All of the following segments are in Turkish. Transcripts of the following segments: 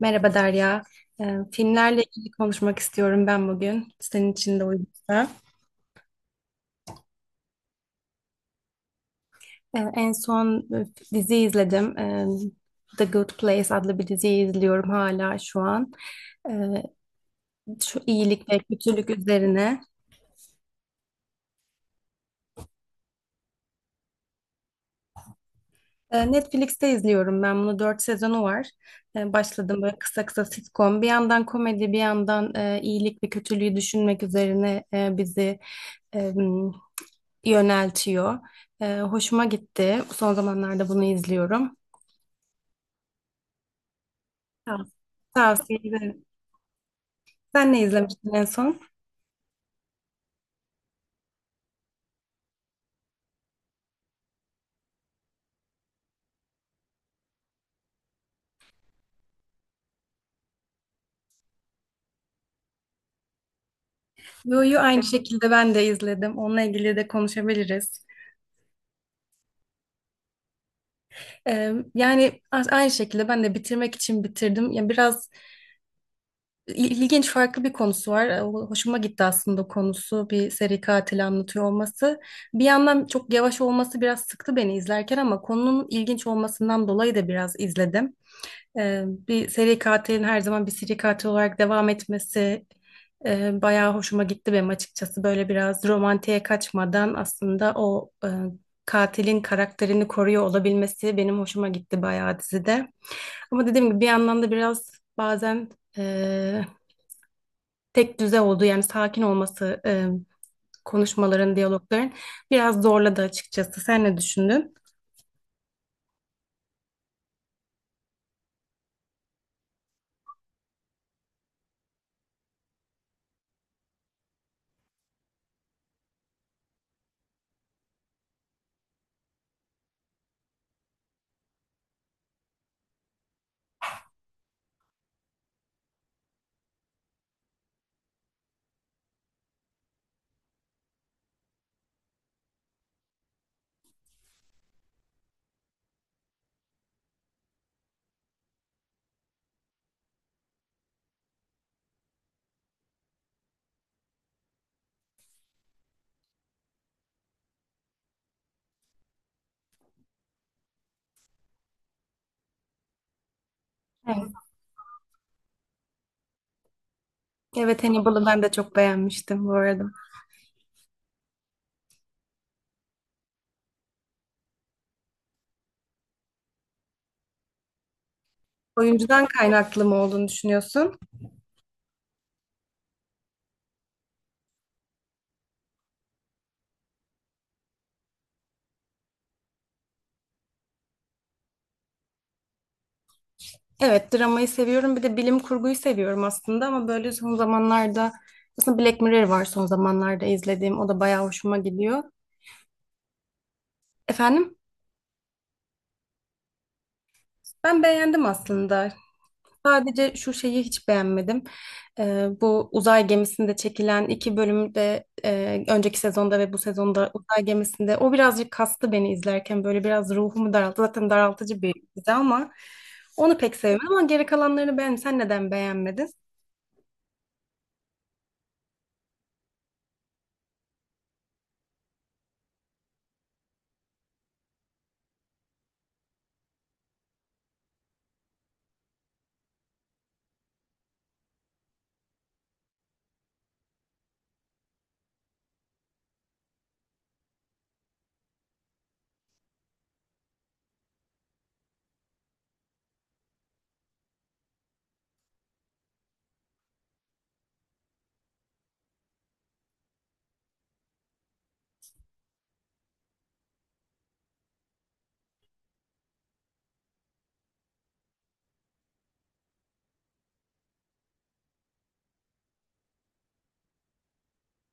Merhaba Derya. Filmlerle ilgili konuşmak istiyorum ben bugün. Senin için de uygunsa. Ee, en son e, dizi izledim. The Good Place adlı bir diziyi izliyorum hala şu an. Ee, Şu iyilik ve kötülük üzerine. Netflix'te izliyorum ben bunu. Dört sezonu var. Başladım böyle kısa kısa sitcom. Bir yandan komedi, bir yandan iyilik ve kötülüğü düşünmek üzerine bizi e, yöneltiyor. Hoşuma gitti. Son zamanlarda bunu izliyorum. Ha, Tavsiye ederim. Sen ne izlemiştin en son? Yu'yu aynı şekilde ben de izledim. Onunla ilgili de konuşabiliriz. Aynı şekilde ben de bitirmek için bitirdim. Yani biraz ilginç farklı bir konusu var. Hoşuma gitti aslında konusu. Bir seri katil anlatıyor olması. Bir yandan çok yavaş olması biraz sıktı beni izlerken ama konunun ilginç olmasından dolayı da biraz izledim. Bir seri katilin her zaman bir seri katil olarak devam etmesi bayağı hoşuma gitti benim açıkçası. Böyle biraz romantiğe kaçmadan aslında o katilin karakterini koruyor olabilmesi benim hoşuma gitti bayağı dizide. Ama dediğim gibi bir yandan da biraz bazen e, tek düze oldu yani sakin olması konuşmaların, diyalogların biraz zorladı açıkçası. Sen ne düşündün? Evet, evet, Hannibal'ı ben de çok beğenmiştim bu arada. Oyuncudan kaynaklı mı olduğunu düşünüyorsun? Evet, dramayı seviyorum. Bir de bilim kurguyu seviyorum aslında ama böyle son zamanlarda aslında Black Mirror var son zamanlarda izlediğim. O da bayağı hoşuma gidiyor. Efendim? Ben beğendim aslında. Sadece şu şeyi hiç beğenmedim. Bu uzay gemisinde çekilen iki bölümde önceki sezonda ve bu sezonda uzay gemisinde o birazcık kastı beni izlerken böyle biraz ruhumu daralttı. Zaten daraltıcı bir dizi ama onu pek sevmedim ama geri kalanlarını beğendim. Sen neden beğenmedin?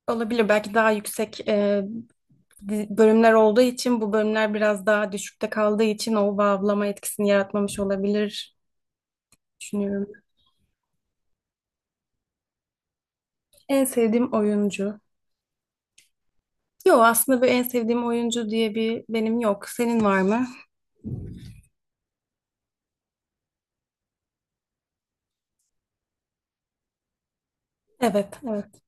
Olabilir, belki daha yüksek bölümler olduğu için bu bölümler biraz daha düşükte kaldığı için o bağlama etkisini yaratmamış olabilir düşünüyorum. En sevdiğim oyuncu. Yok aslında bir en sevdiğim oyuncu diye bir benim yok. Senin var mı? Evet, evet.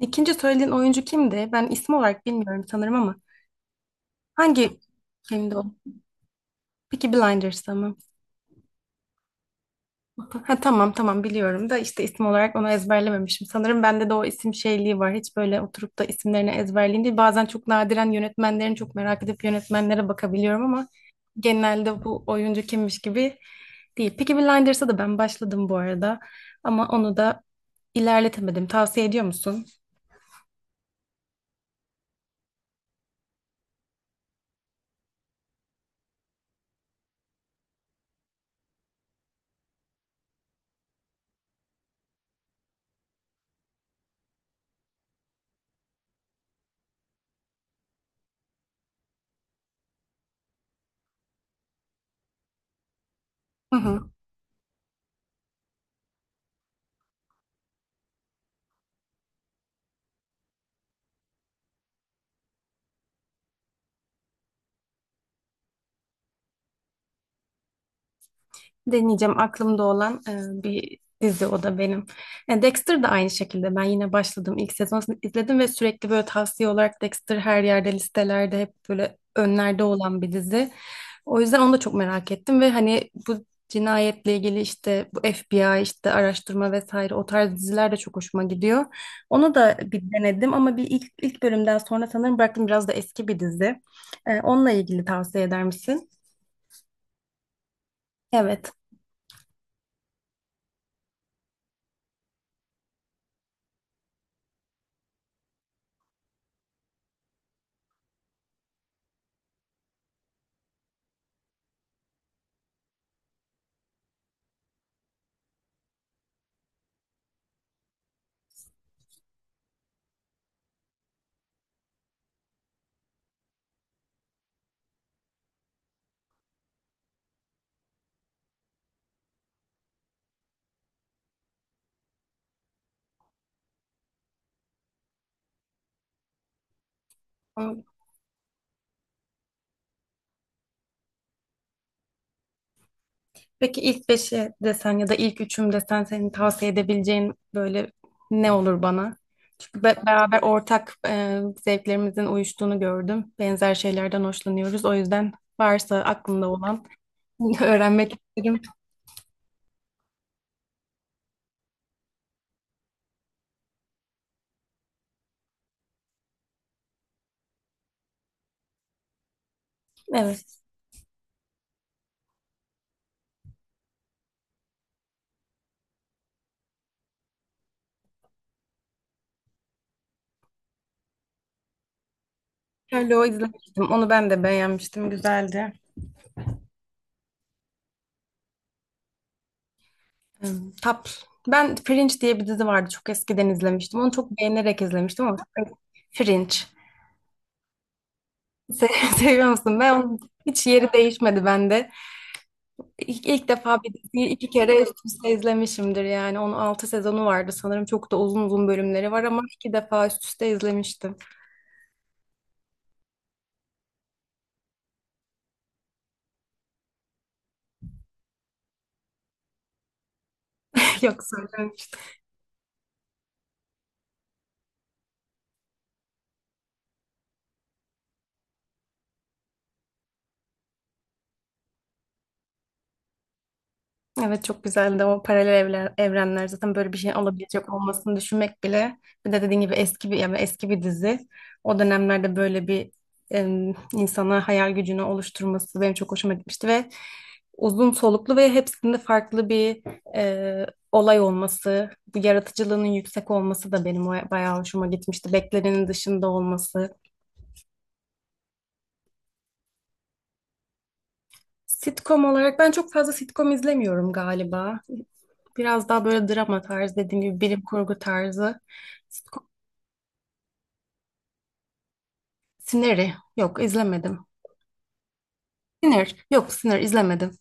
İkinci söylediğin oyuncu kimdi? Ben isim olarak bilmiyorum sanırım ama hangi filmdi o? Peaky Blinders'ta mı? Ha, tamam tamam, biliyorum da işte isim olarak onu ezberlememişim. Sanırım bende de o isim şeyliği var. Hiç böyle oturup da isimlerini ezberleyeyim değil. Bazen çok nadiren yönetmenlerin çok merak edip yönetmenlere bakabiliyorum ama genelde bu oyuncu kimmiş gibi değil. Peaky Blinders'a da ben başladım bu arada ama onu da ilerletemedim. Tavsiye ediyor musun? Hı hı. Deneyeceğim, aklımda olan bir dizi o da benim. Dexter da aynı şekilde ben yine başladım. İlk sezonunu izledim ve sürekli böyle tavsiye olarak Dexter her yerde listelerde hep böyle önlerde olan bir dizi. O yüzden onu da çok merak ettim ve hani bu cinayetle ilgili işte bu FBI işte araştırma vesaire o tarz diziler de çok hoşuma gidiyor. Onu da bir denedim ama bir ilk bölümden sonra sanırım bıraktım, biraz da eski bir dizi. Onunla ilgili tavsiye eder misin? Evet. Am, peki ilk beşi desen ya da ilk üçüm desen senin tavsiye edebileceğin böyle ne olur bana? Çünkü beraber ortak zevklerimizin uyuştuğunu gördüm. Benzer şeylerden hoşlanıyoruz. O yüzden varsa aklında olan öğrenmek isterim. Evet. Sherlock'u izlemiştim. Onu ben de beğenmiştim. Güzeldi. Hmm, tap. Ben Fringe diye bir dizi vardı. Çok eskiden izlemiştim. Onu çok beğenerek izlemiştim ama Fringe. Se seviyor musun? Ben onun hiç yeri değişmedi bende. İlk defa bir diziyi iki kere üst üste izlemişimdir yani. Onun altı sezonu vardı sanırım. Çok da uzun uzun bölümleri var ama iki defa üst üste izlemiştim. Yok söyle. Evet, çok güzeldi o paralel evler, evrenler zaten böyle bir şey olabilecek olmasını düşünmek bile, bir de dediğin gibi eski bir yani eski bir dizi o dönemlerde böyle bir insana hayal gücünü oluşturması benim çok hoşuma gitmişti ve uzun soluklu ve hepsinde farklı bir e, olay olması bu yaratıcılığının yüksek olması da benim bayağı hoşuma gitmişti, beklenenin dışında olması. Sitcom olarak ben çok fazla sitcom izlemiyorum galiba. Biraz daha böyle drama tarzı dediğim gibi, bilim kurgu tarzı. Sitcom, Sinner'i yok izlemedim. Sinner yok, Sinner izlemedim.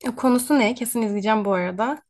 E, konusu ne? Kesin izleyeceğim bu arada.